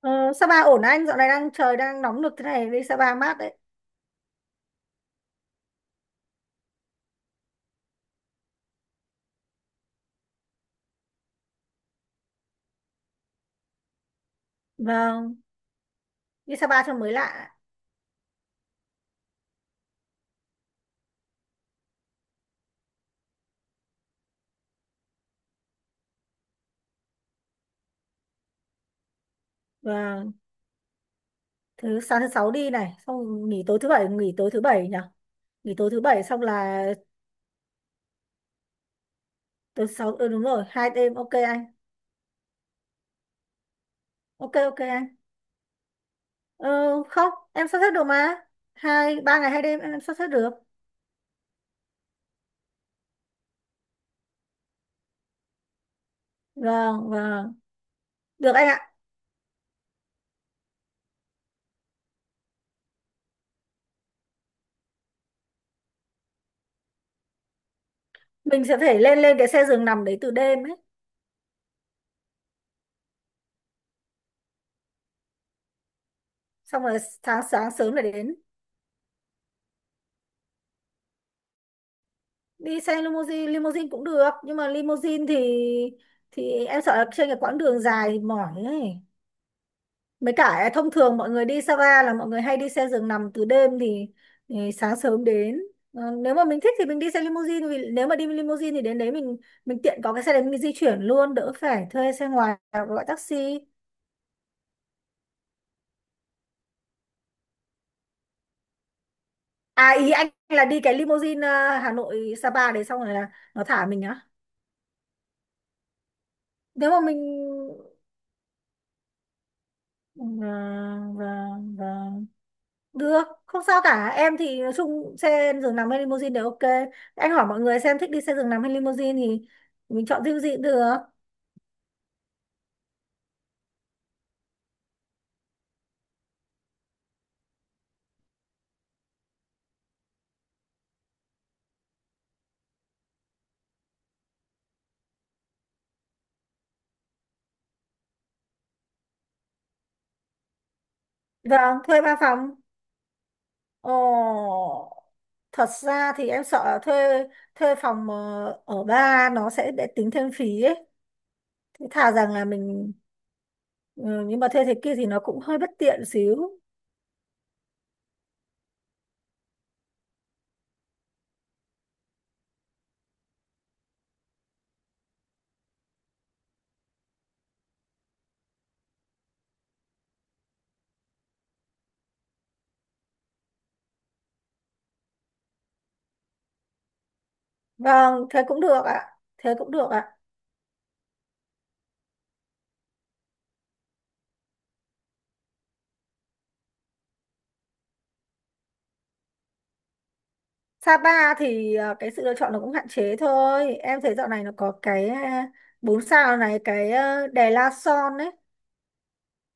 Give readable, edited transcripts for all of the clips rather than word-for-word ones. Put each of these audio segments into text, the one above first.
Ờ, Sapa ổn anh, dạo này trời đang nóng nực thế này, đi Sapa mát đấy. Vâng, đi Sapa cho mới lạ. Vâng, thứ sáng thứ sáu đi này, xong nghỉ tối thứ bảy, nghỉ tối thứ bảy nhỉ? Nghỉ tối thứ bảy xong là tối thứ sáu, ừ, đúng rồi, hai đêm, ok anh. Ok ok anh. Ờ, Không, em sắp xếp được mà. Hai, ba ngày hai đêm em sắp xếp được. Vâng, vâng. Được anh ạ. Mình sẽ phải lên lên cái xe giường nằm đấy từ đêm ấy. Xong rồi sáng sáng sớm lại đến. Đi xe limousine, limousine cũng được. Nhưng mà limousine thì em sợ là trên cái quãng đường dài thì mỏi ấy. Mới cả à, thông thường mọi người đi Sapa là mọi người hay đi xe giường nằm từ đêm thì sáng sớm đến. Ờ, nếu mà mình thích thì mình đi xe limousine, vì nếu mà đi limousine thì đến đấy mình tiện có cái xe đấy mình di chuyển luôn đỡ phải thuê xe ngoài hoặc gọi taxi. À, ý anh là đi cái limousine Hà Nội Sapa đấy xong rồi là nó thả mình á. Nếu mà mình ờ, vâng vâng vâng, được, không sao cả. Em thì nói chung xe giường nằm hay limousine đều ok. Anh hỏi mọi người xem thích đi xe giường nằm hay limousine thì mình chọn riêng gì cũng được. Vâng, thuê ba phòng. Ồ, thật ra thì em sợ là thuê thuê phòng ở ba nó sẽ để tính thêm phí ấy. Thế thà rằng là mình ừ, nhưng mà thuê thế kia thì nó cũng hơi bất tiện xíu. Vâng, thế cũng được ạ. Thế cũng được ạ. Sapa thì cái sự lựa chọn nó cũng hạn chế thôi. Em thấy dạo này nó có cái bốn sao này, cái Đè La Son đấy,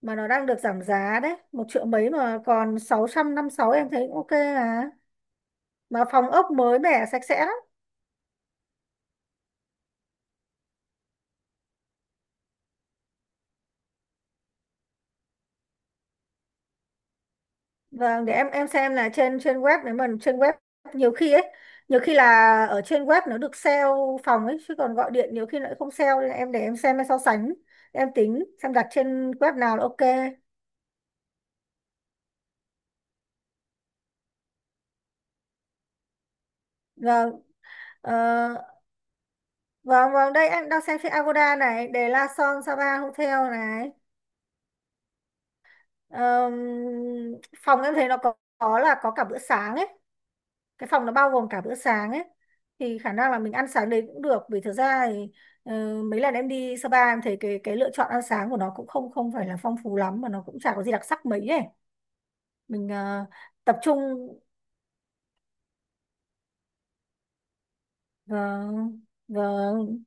mà nó đang được giảm giá đấy, một triệu mấy mà còn sáu trăm năm sáu, em thấy cũng ok à. Mà phòng ốc mới mẻ sạch sẽ lắm. Vâng, để em xem là trên trên web. Nếu mà trên web nhiều khi ấy, nhiều khi là ở trên web nó được sale phòng ấy, chứ còn gọi điện nhiều khi nó lại không sale, nên là em để em xem em so sánh, em tính xem đặt trên web nào là ok. Vâng. Ờ, Vâng, vâng, đây em đang xem trên Agoda này, để La Son Sapa Hotel này. Ờm, phòng em thấy nó có là có cả bữa sáng ấy. Cái phòng nó bao gồm cả bữa sáng ấy. Thì khả năng là mình ăn sáng đấy cũng được. Vì thực ra thì mấy lần em đi Sapa em thấy cái lựa chọn ăn sáng của nó cũng không không phải là phong phú lắm. Mà nó cũng chả có gì đặc sắc mấy ấy. Mình tập trung... Vâng, vâng,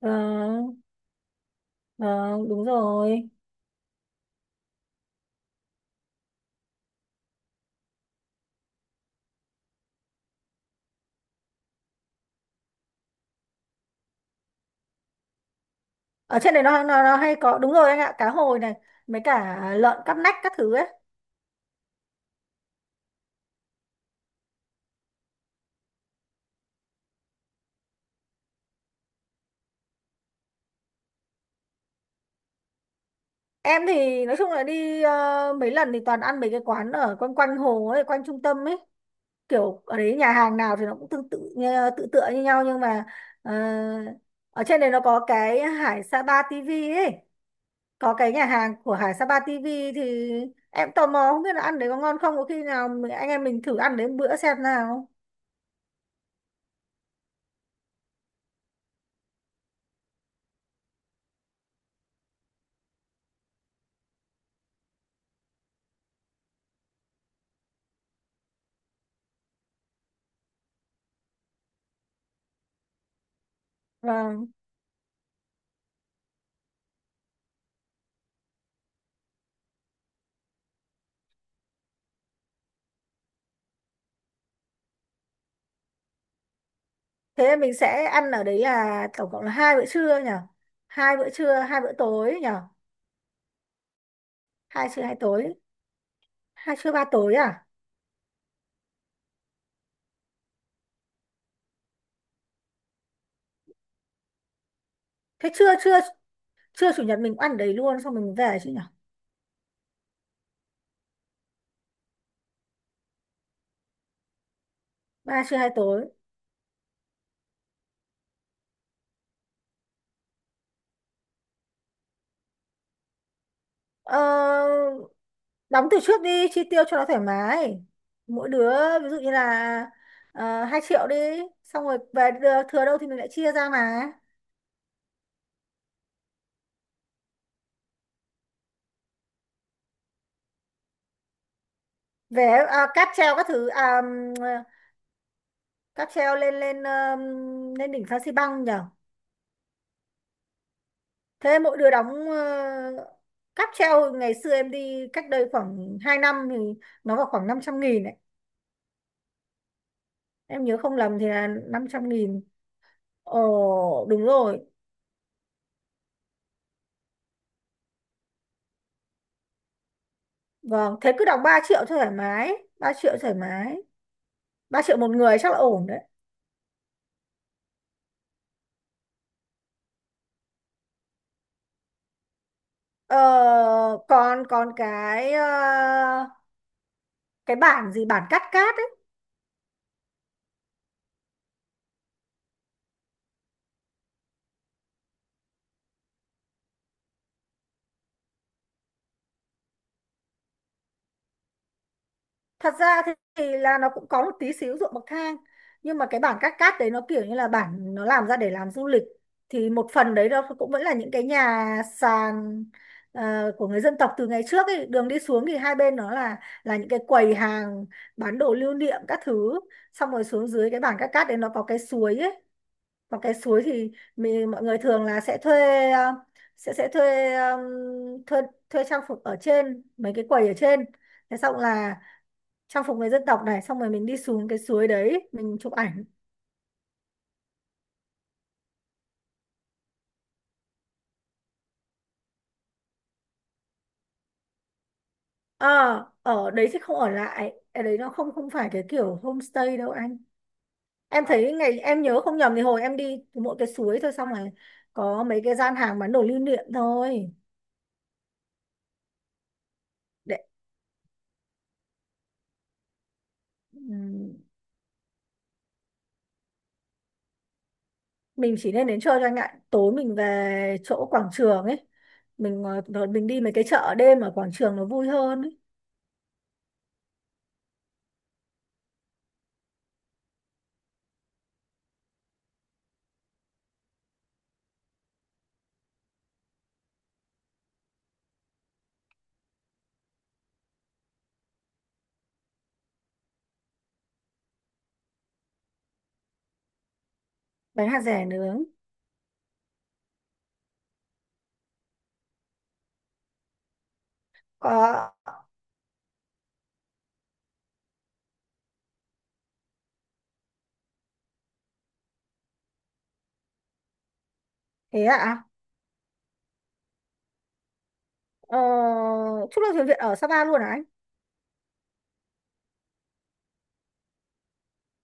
vâng, vâng, đúng rồi. Ở trên đấy nó hay có đúng rồi anh ạ, cá hồi này, mấy cả lợn cắp nách các thứ ấy. Em thì nói chung là đi mấy lần thì toàn ăn mấy cái quán ở quanh quanh hồ ấy, quanh trung tâm ấy, kiểu ở đấy nhà hàng nào thì nó cũng tương tự như- tự tựa như nhau, nhưng mà ờ, ở trên đấy nó có cái Hải Sapa TV ấy, có cái nhà hàng của Hải Sapa TV, thì em tò mò không biết là ăn đấy có ngon không, có khi nào anh em mình thử ăn đấy một bữa xem nào. Vâng, thế mình sẽ ăn ở đấy là tổng cộng là hai bữa trưa nhỉ, hai bữa trưa hai bữa tối nhỉ, hai trưa hai tối, hai trưa ba tối à, thế trưa trưa trưa chủ nhật mình ăn ở đấy luôn xong mình về chứ nhỉ, ba trưa hai tối. ờ, Đóng từ trước đi chi tiêu cho nó thoải mái, mỗi đứa ví dụ như là uh, 2 triệu đi, xong rồi thừa đâu thì mình lại chia ra mà. Về à, cáp treo các thứ à, cáp treo lên lên lên đỉnh Phan Xi Păng nhỉ. Thế mỗi đứa đóng cáp treo ngày xưa em đi cách đây khoảng 2 năm thì nó vào khoảng 500 nghìn ấy. Em nhớ không lầm thì là 500 nghìn. Ồ đúng rồi. Vâng, thế cứ đóng 3 triệu thoải mái. Ba triệu thoải mái. Ba triệu một người chắc là ổn đấy. Ờ, còn còn cái cái bản gì, bản cắt cát, thật ra thì là nó cũng có một tí xíu ruộng bậc thang, nhưng mà cái bản cát cát đấy nó kiểu như là bản nó làm ra để làm du lịch, thì một phần đấy nó cũng vẫn là những cái nhà sàn của người dân tộc từ ngày trước ấy. Đường đi xuống thì hai bên nó là những cái quầy hàng bán đồ lưu niệm các thứ, xong rồi xuống dưới cái bản cát cát đấy nó có cái suối ấy, và cái suối thì mình, mọi người thường là sẽ thuê sẽ thuê thuê thuê trang phục ở trên mấy cái quầy ở trên, thế xong là trang phục người dân tộc này, xong rồi mình đi xuống cái suối đấy mình chụp ảnh. ờ ở đấy thì không ở lại, ở đấy nó không không phải cái kiểu homestay đâu anh. Em thấy ngày em nhớ không nhầm thì hồi em đi thì mỗi cái suối thôi, xong rồi có mấy cái gian hàng bán đồ lưu niệm thôi. Để ừm, mình chỉ nên đến chơi cho anh ạ, tối mình về chỗ quảng trường ấy, mình rồi mình đi mấy cái chợ đêm ở quảng trường nó vui hơn ấy. Bánh hạt dẻ nướng có. Thế ạ? À? ờ, Chúc lâu thuyền Việt ở Sapa luôn à anh?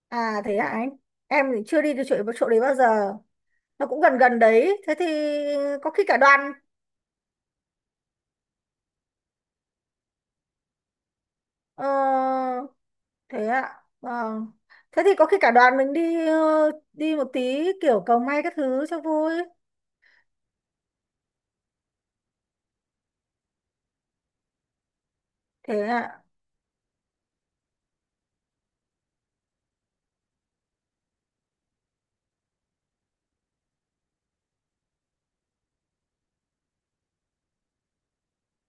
À thế hả anh? Em thì chưa đi được chỗ đấy bao giờ. Nó cũng gần gần đấy. Thế thì có khi cả đoàn. Ờ, thế ạ. Vâng. Thế thì có khi cả đoàn mình đi đi một tí kiểu cầu may các thứ cho vui. Thế ạ.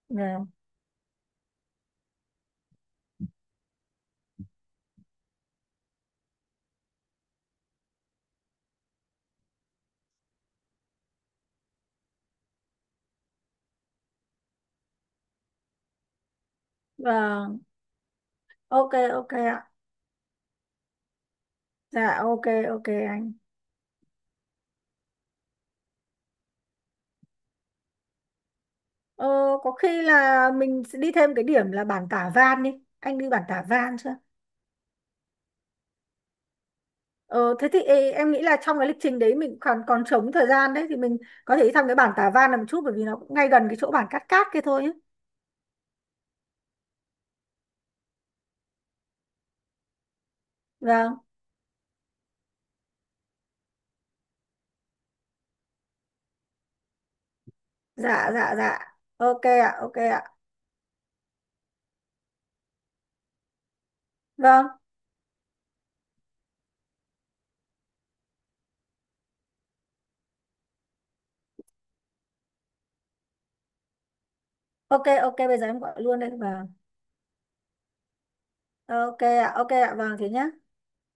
Dạ. Vâng. Ok ok ạ. Dạ ok ok anh. Ờ, có khi là mình sẽ đi thêm cái điểm là bản Tả Van đi. Anh đi bản Tả Van chưa? Ờ, thế thì ê, em nghĩ là trong cái lịch trình đấy mình còn còn trống thời gian đấy thì mình có thể đi thăm cái bản Tả Văn là một chút, bởi vì nó cũng ngay gần cái chỗ bản Cát Cát kia thôi ấy. Vâng, dạ dạ dạ. Ok ạ, ok ạ. Vâng, ok ok bây giờ em gọi luôn đây. Vâng. Ok ạ, ok ạ. Vâng thế nhá.